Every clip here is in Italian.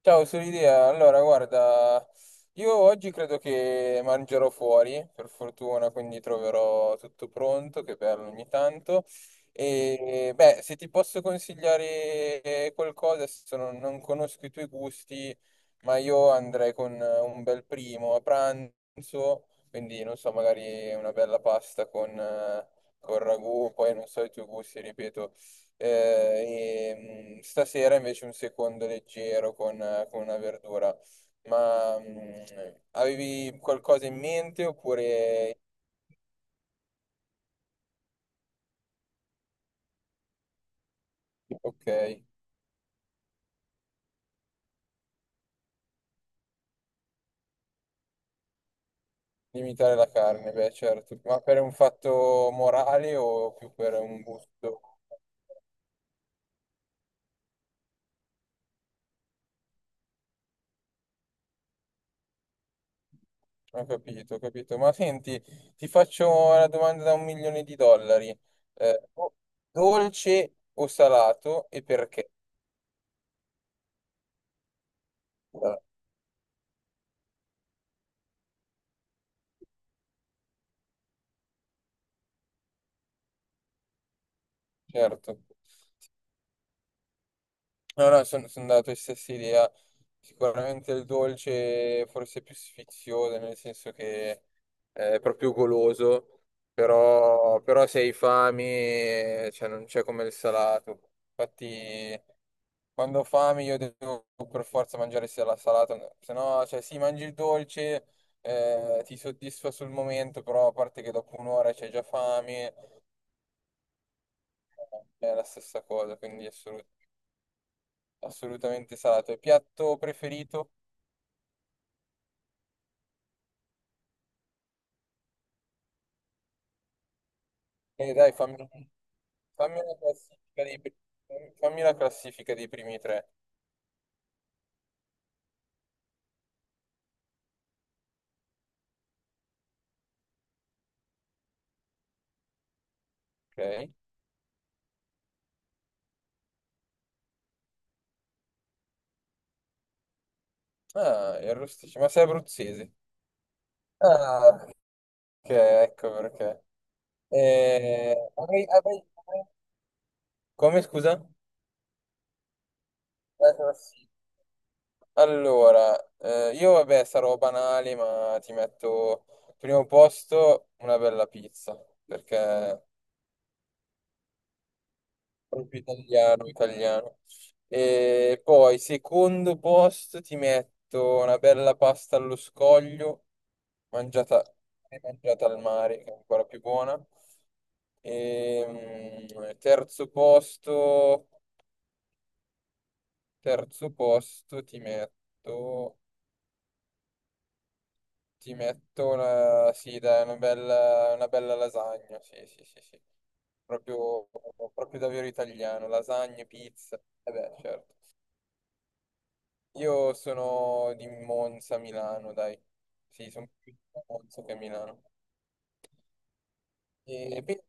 Ciao, sono Idea. Allora, guarda, io oggi credo che mangerò fuori, per fortuna, quindi troverò tutto pronto, che bello ogni tanto. E beh, se ti posso consigliare qualcosa, adesso non conosco i tuoi gusti, ma io andrei con un bel primo a pranzo, quindi non so, magari una bella pasta con ragù, poi non so i tuoi gusti, ripeto. Eh, Stasera invece un secondo leggero con una verdura. Ma mh, Avevi qualcosa in mente oppure... Ok, limitare la carne, beh certo, ma per un fatto morale o più per un gusto? Ho capito, ho capito. Ma senti, ti faccio una domanda da un milione di dollari. Eh, o- Dolce o salato e perché? Ah, certo. No, no, sono andato della tua stessa idea. Sicuramente il dolce forse è più sfizioso, nel senso che è proprio goloso, però se hai fame, cioè, non c'è come il salato. Infatti, quando ho fame io devo per forza mangiare sia la salata, no, se no, cioè, sì, mangi il dolce, ti soddisfa sul momento, però a parte che dopo un'ora c'hai già fame, è la stessa cosa, quindi assolutamente salato. E piatto preferito? E dai, fammi una classifica dei, fammi la classifica dei primi tre, ok? Ah, il rosticino, ma sei abruzzese. Ah, ok, ecco perché. Eh, avrei- avrei- avrei- Come scusa? La classifica. Allora, io vabbè sarò banale, ma ti metto primo posto una bella pizza, perché proprio italiano, italiano. E poi, secondo posto, ti metto una bella pasta allo scoglio, mangiata, mangiata al mare, che è ancora più buona. E, mm, terzo posto, Terzo posto, ti metto una, sì, dai, una bella lasagna, sì, sì, sì, sì. Proprio, proprio davvero italiano, lasagne, pizza, e beh, certo. Io sono di Monza, Milano, dai. Sì, sono più a Monza che a Milano. E, e pe-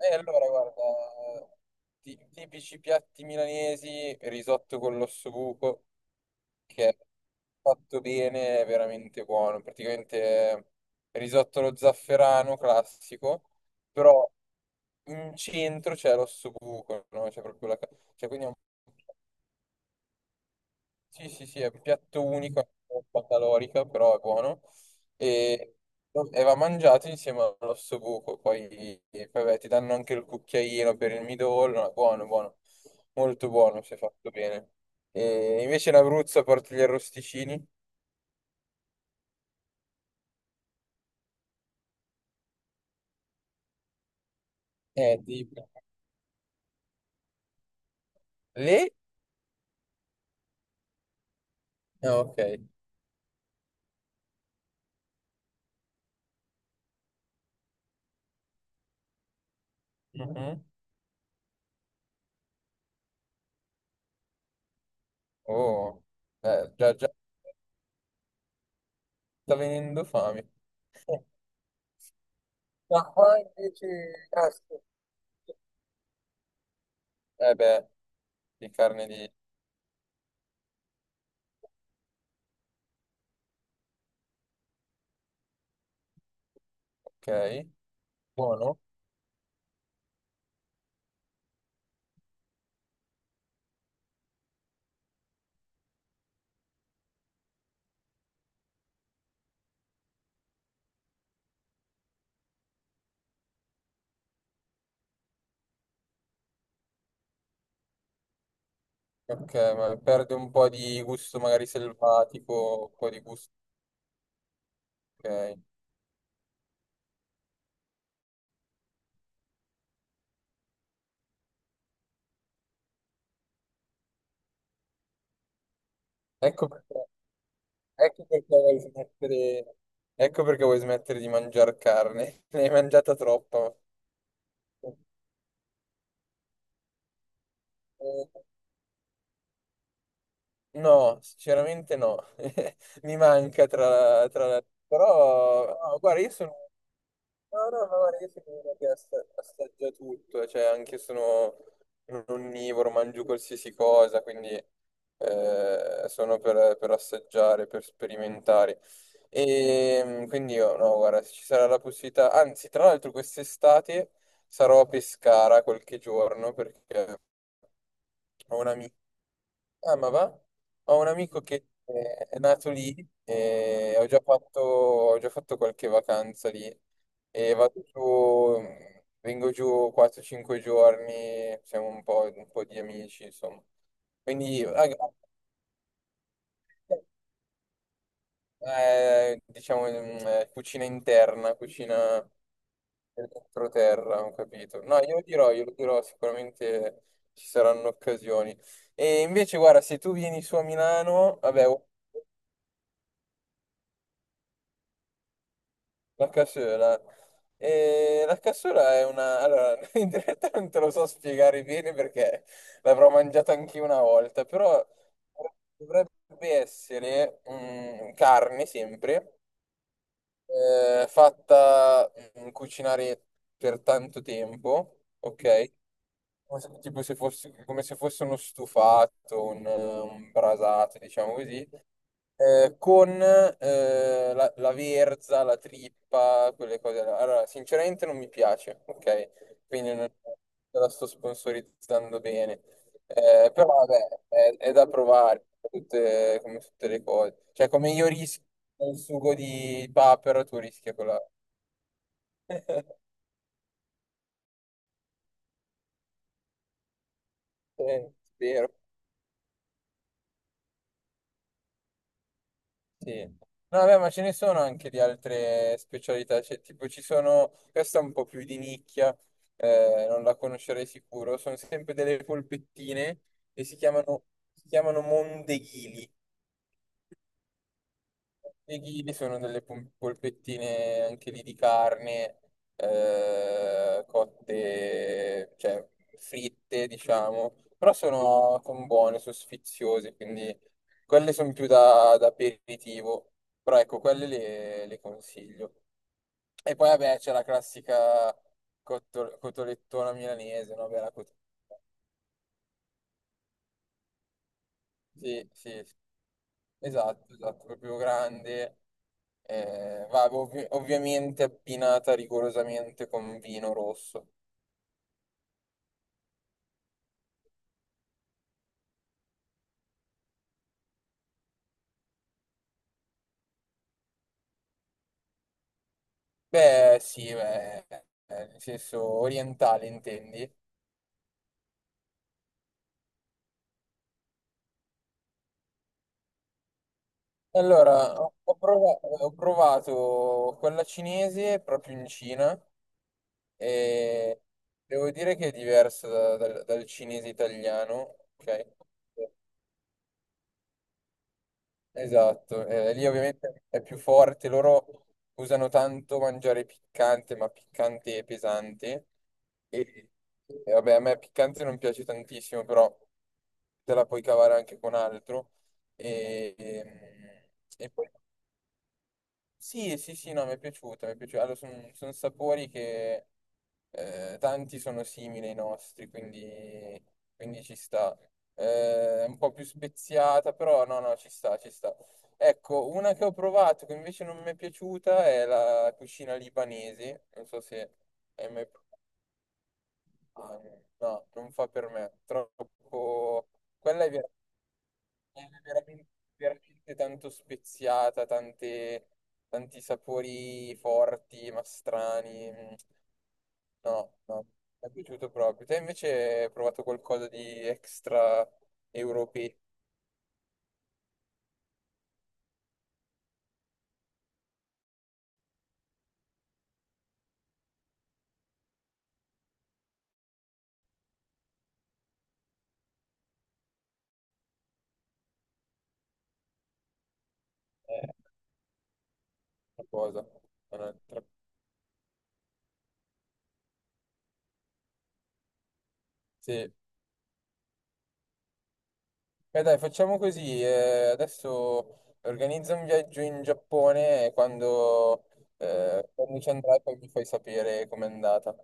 allora, guarda, tipici piatti milanesi, risotto con l'ossobuco, che è fatto bene, è veramente buono. Praticamente è risotto allo zafferano classico, però in centro c'è l'ossobuco, no? C'è proprio la... ca- Cioè, quindi è un Sì, sì, sì, è un piatto unico, è un po' calorica, però è buono. E, e va mangiato insieme all'osso buco. Poi, e poi, beh, ti danno anche il cucchiaino per il midollo. È buono, buono. Molto buono, se fatto bene. E invece in Abruzzo porti gli arrosticini? Tipo. Lì? Ah, ok. Mhm. Oh, già, già sta venendo fame. Ma qua invece... Ah, sì. Eh beh, di carne di... Ok. Buono? Ok, ma perde un po' di gusto magari selvatico, un po' di gusto, ok. Ecco perché, ecco perché ecco perché vuoi smettere di mangiare carne. Ne hai mangiata troppa. Eh, No, sinceramente no. Mi manca tra... Però, no, guarda, io sono no, no, no, io sono uno che assaggia tutto, cioè anche sono un onnivoro, mangio qualsiasi cosa, quindi sono per assaggiare, per sperimentare. E quindi io, no, guarda, se ci sarà la possibilità, anzi, tra l'altro quest'estate sarò a Pescara qualche giorno perché ho un amico. Ah, ma va? Ho un amico che è nato lì e ho già fatto qualche vacanza lì e vado giù, vengo giù 4-5 giorni, siamo un po' di amici, insomma. Quindi, rag- diciamo, cucina interna, cucina dell'entroterra, ho capito. No, io lo dirò, sicuramente ci saranno occasioni. E invece, guarda, se tu vieni su a Milano, vabbè, la cassola. E la cassola è una... Allora, in realtà non te lo so spiegare bene perché l'avrò mangiata anche una volta, però dovrebbe essere carne sempre, fatta cucinare per tanto tempo, ok? Come se- Tipo se fosse, come se fosse uno stufato, un brasato, diciamo così con la verza, la trippa, quelle cose là. Allora, sinceramente non mi piace, ok? Quindi non te la sto sponsorizzando bene. Però vabbè, è da provare, come tutte le cose. Cioè, come io rischio il sugo di papero, tu rischi quella... spero. Sì. No, vabbè, ma ce ne sono anche di altre specialità, cioè, tipo ci sono, questa è un po' più di nicchia, non la conoscerei sicuro, sono sempre delle polpettine e si chiamano mondeghili. Mondeghili sono delle polpettine anche lì di carne, cotte, cioè fritte, diciamo, però sono buone, sono sfiziose, quindi quelle sono più da aperitivo, però ecco, le consiglio. E poi vabbè c'è la classica cotolettona milanese, no? Beh, la cot- Sì, sì, sì. Esatto, esatto, proprio grande. Va, ovviamente abbinata rigorosamente con vino rosso. Beh, sì, beh, nel senso orientale intendi? Allora, ho provato quella cinese proprio in Cina e devo dire che è diversa dal cinese italiano, ok? Esatto, lì ovviamente è più forte, loro usano tanto mangiare piccante, ma piccante e pesante. E, e vabbè, a me piccante non piace tantissimo, però te la puoi cavare anche con altro. E, e- e poi sì, sì, sì, no, mi è piaciuta, mi è piaciuta. Allora, sono sapori che tanti sono simili ai nostri, quindi ci sta. È un po' più speziata, però no, no, ci sta, ci sta. Ecco, una che ho provato che invece non mi è piaciuta è la cucina libanese. Non so se hai mai provato. No, non fa per me. Troppo... Quella è vera è veramente, veramente tanto speziata, tanti sapori forti, ma strani. Mm, no, no, mi è piaciuto proprio. Te invece hai provato qualcosa di extra europeo? Eh, qualcosa. Un'altra. Sì. Beh, dai, facciamo così. Adesso organizza un viaggio in Giappone e quando, quando ci andrai poi mi fai sapere com'è andata.